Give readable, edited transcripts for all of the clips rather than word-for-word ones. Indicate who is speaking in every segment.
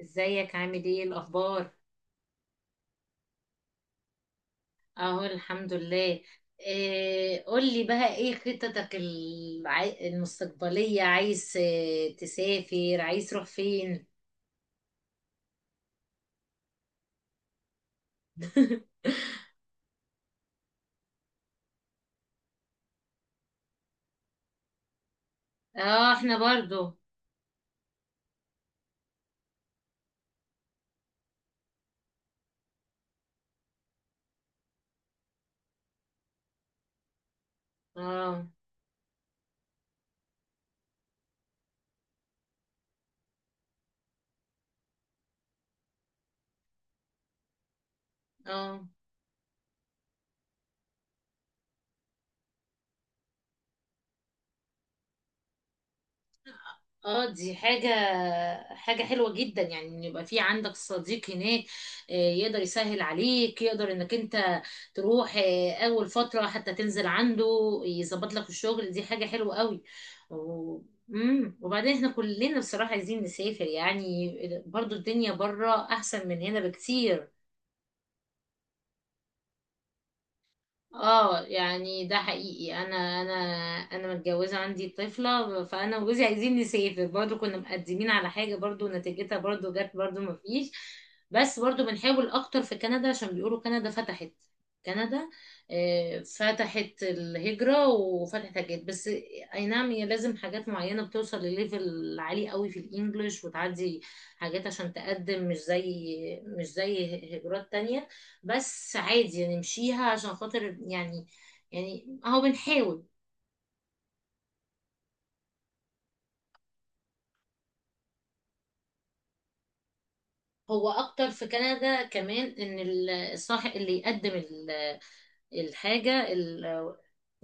Speaker 1: ازيك؟ عامل ايه؟ الاخبار؟ اهو الحمد لله. إيه، قولي بقى، ايه خططك المستقبلية؟ عايز تسافر؟ عايز تروح فين؟ اه، احنا برضو. اه اه اه دي حاجة حلوة جدا، يعني ان يبقى في عندك صديق هناك. يقدر يسهل عليك، يقدر انك انت تروح اول فترة حتى، تنزل عنده، يظبط لك الشغل. دي حاجة حلوة قوي. و... مم. وبعدين احنا كلنا بصراحة عايزين نسافر يعني. برضو الدنيا بره احسن من هنا بكتير. اه، يعني ده حقيقي. انا انا متجوزه، عندي طفله، فانا وجوزي عايزين نسافر برضو. كنا مقدمين على حاجه برضو، نتيجتها برضو جت برضو مفيش. بس برضو بنحاول اكتر في كندا، عشان بيقولوا كندا فتحت. كندا فتحت الهجره وفتحت حاجات. بس اي نعم، هي لازم حاجات معينه، بتوصل لليفل عالي قوي في الانجليش، وتعدي حاجات عشان تقدم. مش زي، هجرات تانية. بس عادي يعني، نمشيها عشان خاطر يعني. يعني اهو بنحاول. هو اكتر في كندا كمان، ان الصاحب اللي يقدم الحاجة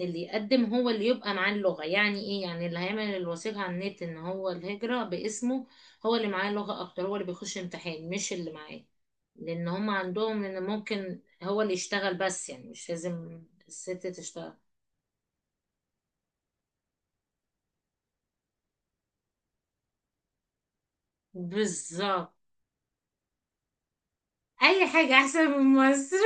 Speaker 1: اللي يقدم، هو اللي يبقى معاه اللغة، يعني ايه، يعني اللي هيعمل الوثيقة على النت، ان هو الهجرة باسمه، هو اللي معاه اللغة اكتر، هو اللي بيخش امتحان، مش اللي معاه. لان هم عندهم ان ممكن هو اللي يشتغل بس، يعني مش لازم الست تشتغل. بالظبط. اي حاجة احسن من مصر.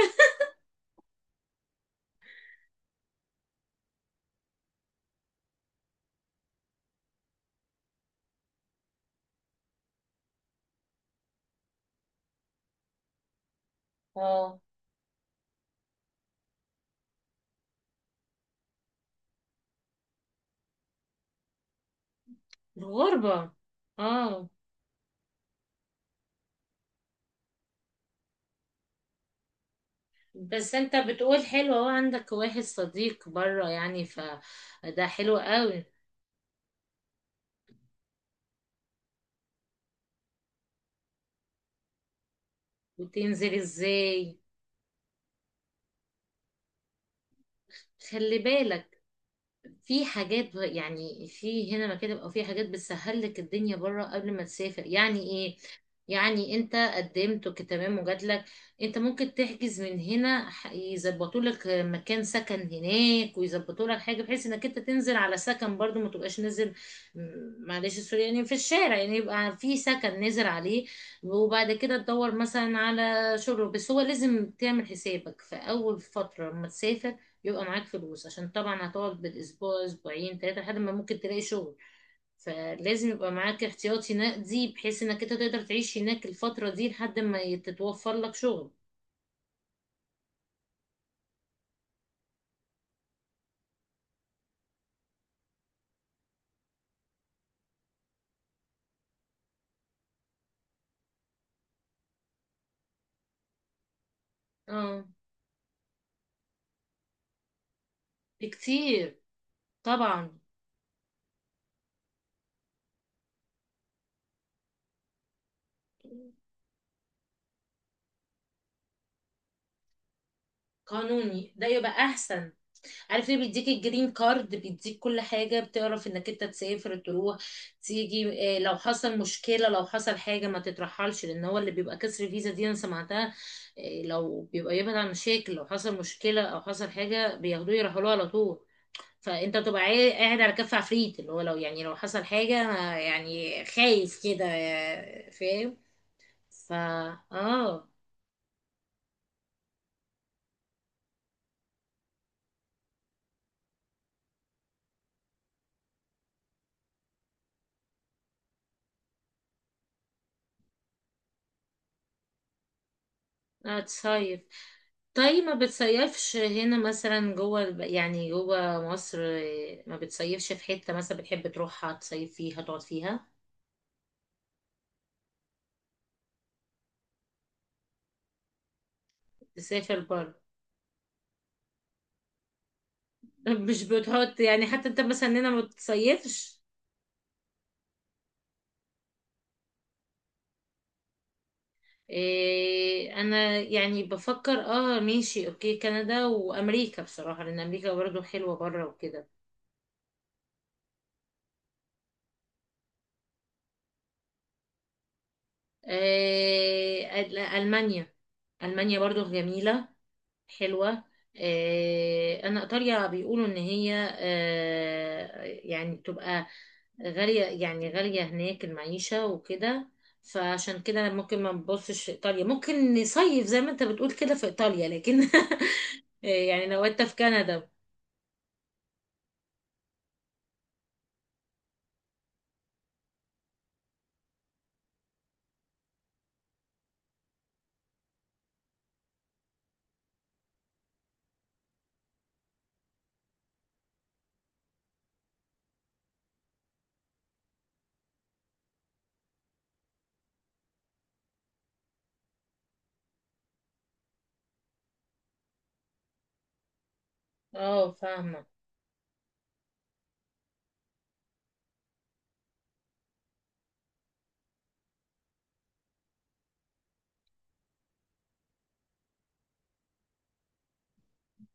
Speaker 1: اه، الغربة. اه. بس انت بتقول حلو، اهو عندك واحد صديق بره، يعني فده حلو قوي. وتنزل ازاي؟ خلي بالك، في حاجات يعني، في هنا مكاتب، او في حاجات بتسهل لك الدنيا بره قبل ما تسافر، يعني ايه. يعني انت قدمت تمام وجاتلك، انت ممكن تحجز من هنا، يظبطوا لك مكان سكن هناك، ويظبطوا لك حاجه بحيث انك انت تنزل على سكن برضو، ما تبقاش نازل معلش، السوري، يعني في الشارع. يعني يبقى في سكن نازل عليه، وبعد كده تدور مثلا على شغل. بس هو لازم تعمل حسابك في اول فتره لما تسافر، يبقى معاك فلوس، عشان طبعا هتقعد بالاسبوع اسبوعين 3 لحد ما ممكن تلاقي شغل. فلازم يبقى معاك احتياطي نقدي، بحيث انك انت تقدر تعيش هناك الفترة دي لحد ما تتوفر لك شغل. اه، بكتير طبعا. قانوني، ده يبقى احسن. عارف ليه؟ بيديك الجرين كارد، بيديك كل حاجة، بتعرف انك انت تسافر، تروح، تيجي. لو حصل مشكلة، لو حصل حاجة، ما تترحلش. لان هو اللي بيبقى كسر فيزا دي، انا سمعتها. لو بيبقى، يبعد عن مشاكل. لو حصل مشكلة او حصل حاجة، بياخدوه يرحلوه على طول. فانت بتبقى قاعد على كف عفريت، اللي هو لو، يعني لو حصل حاجة، انا يعني خايف كده، فاهم؟ فا اه، هتصيف. طيب، ما بتصيفش هنا مثلا، جوه يعني جوه مصر، ما بتصيفش في حتة مثلا بتحب تروحها، تصيف فيها تقعد فيها؟ تسافر بره؟ مش بتحط، يعني حتى انت مثلا هنا ما بتصيفش. إيه، انا يعني بفكر اه، ماشي اوكي، كندا وامريكا بصراحة، لان امريكا برضو حلوة بره وكده. إيه، المانيا. المانيا برضو جميلة، حلوة. إيه، انا ايطاليا بيقولوا ان هي يعني تبقى غالية، يعني غالية هناك المعيشة وكده. فعشان كده أنا ممكن ما نبصش في ايطاليا، ممكن نصيف زي ما انت بتقول كده في ايطاليا لكن. يعني لو انت في كندا. اه، فاهمة.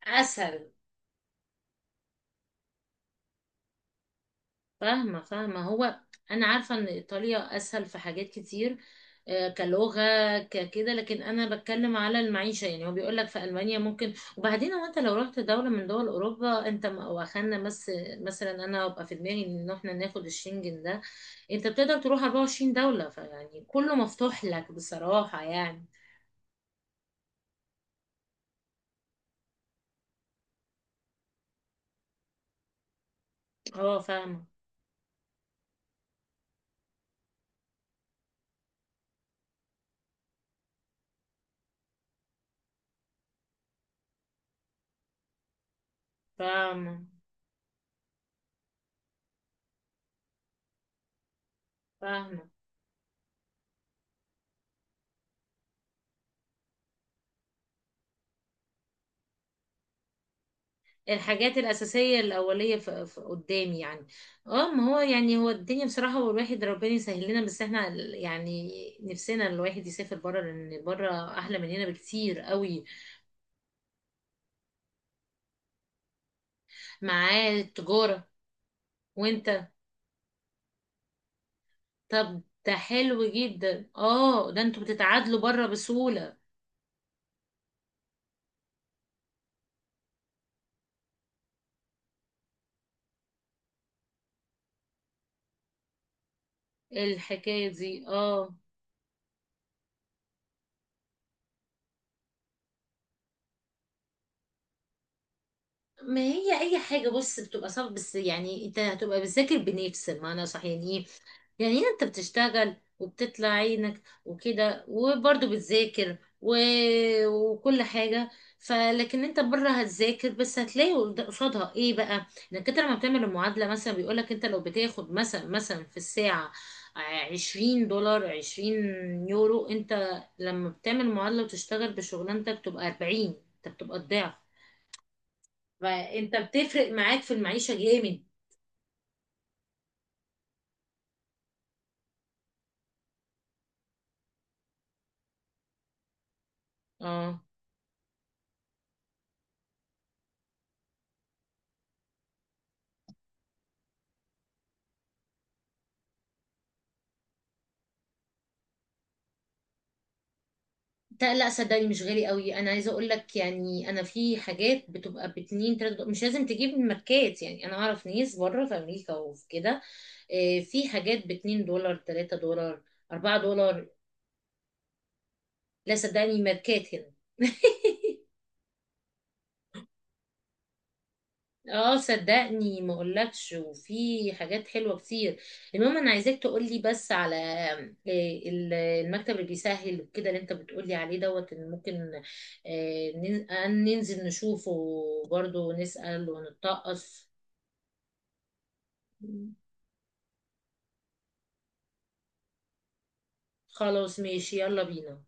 Speaker 1: اسهل. فاهمة، فاهمة. هو انا عارفة ان ايطاليا اسهل في حاجات كتير، كلغة ككده. لكن انا بتكلم على المعيشة. يعني هو بيقول لك في المانيا ممكن. وبعدين هو انت لو رحت دولة من دول اوروبا، انت واخدنا، بس مثلا انا هبقى في دماغي ان احنا ناخد الشنجن ده، انت بتقدر تروح 24 دولة، فيعني كله مفتوح لك بصراحة يعني. اه، فاهمة. فاهمة، فاهمة. الحاجات الأساسية الأولية، في قدامي يعني. اه ما هو يعني، هو الدنيا بصراحة، والواحد ربنا يسهل لنا. بس احنا يعني نفسنا الواحد يسافر بره، لأن بره أحلى من هنا بكتير قوي. معاه التجارة. وانت؟ طب ده حلو جدا. اه، ده انتوا بتتعادلوا بره بسهولة. الحكاية دي، اه. ما هي اي حاجة بص، بتبقى صعبة، بس يعني انت هتبقى بتذاكر بنفس المعنى، صح؟ يعني ايه؟ يعني انت بتشتغل وبتطلع عينك وكده وبرضه بتذاكر وكل حاجة. فلكن انت بره هتذاكر، بس هتلاقي قصادها ايه بقى، انك انت لما بتعمل المعادلة، مثلا بيقولك انت لو بتاخد مثلا، في الساعة 20 دولار، 20 يورو، انت لما بتعمل معادلة وتشتغل بشغلانتك تبقى 40، انت بتبقى الضعف. فانت بتفرق معاك في المعيشة جامد. اه. لا صدقني، مش غالي قوي. انا عايزه اقول لك يعني، انا في حاجات بتبقى 2-3 دولار. مش لازم تجيب من ماركات. يعني انا اعرف ناس بره في امريكا وفي كده، في حاجات 2 دولار، 3 دولار، 4 دولار. لا صدقني، ماركات هنا. اه صدقني ما اقولكش، وفي حاجات حلوه كتير. المهم انا عايزاك تقولي بس على المكتب اللي بيسهل وكده، اللي انت بتقولي عليه دوت، ان ممكن ننزل نشوفه برضو، نسأل ونتطقص. خلاص، ماشي، يلا بينا.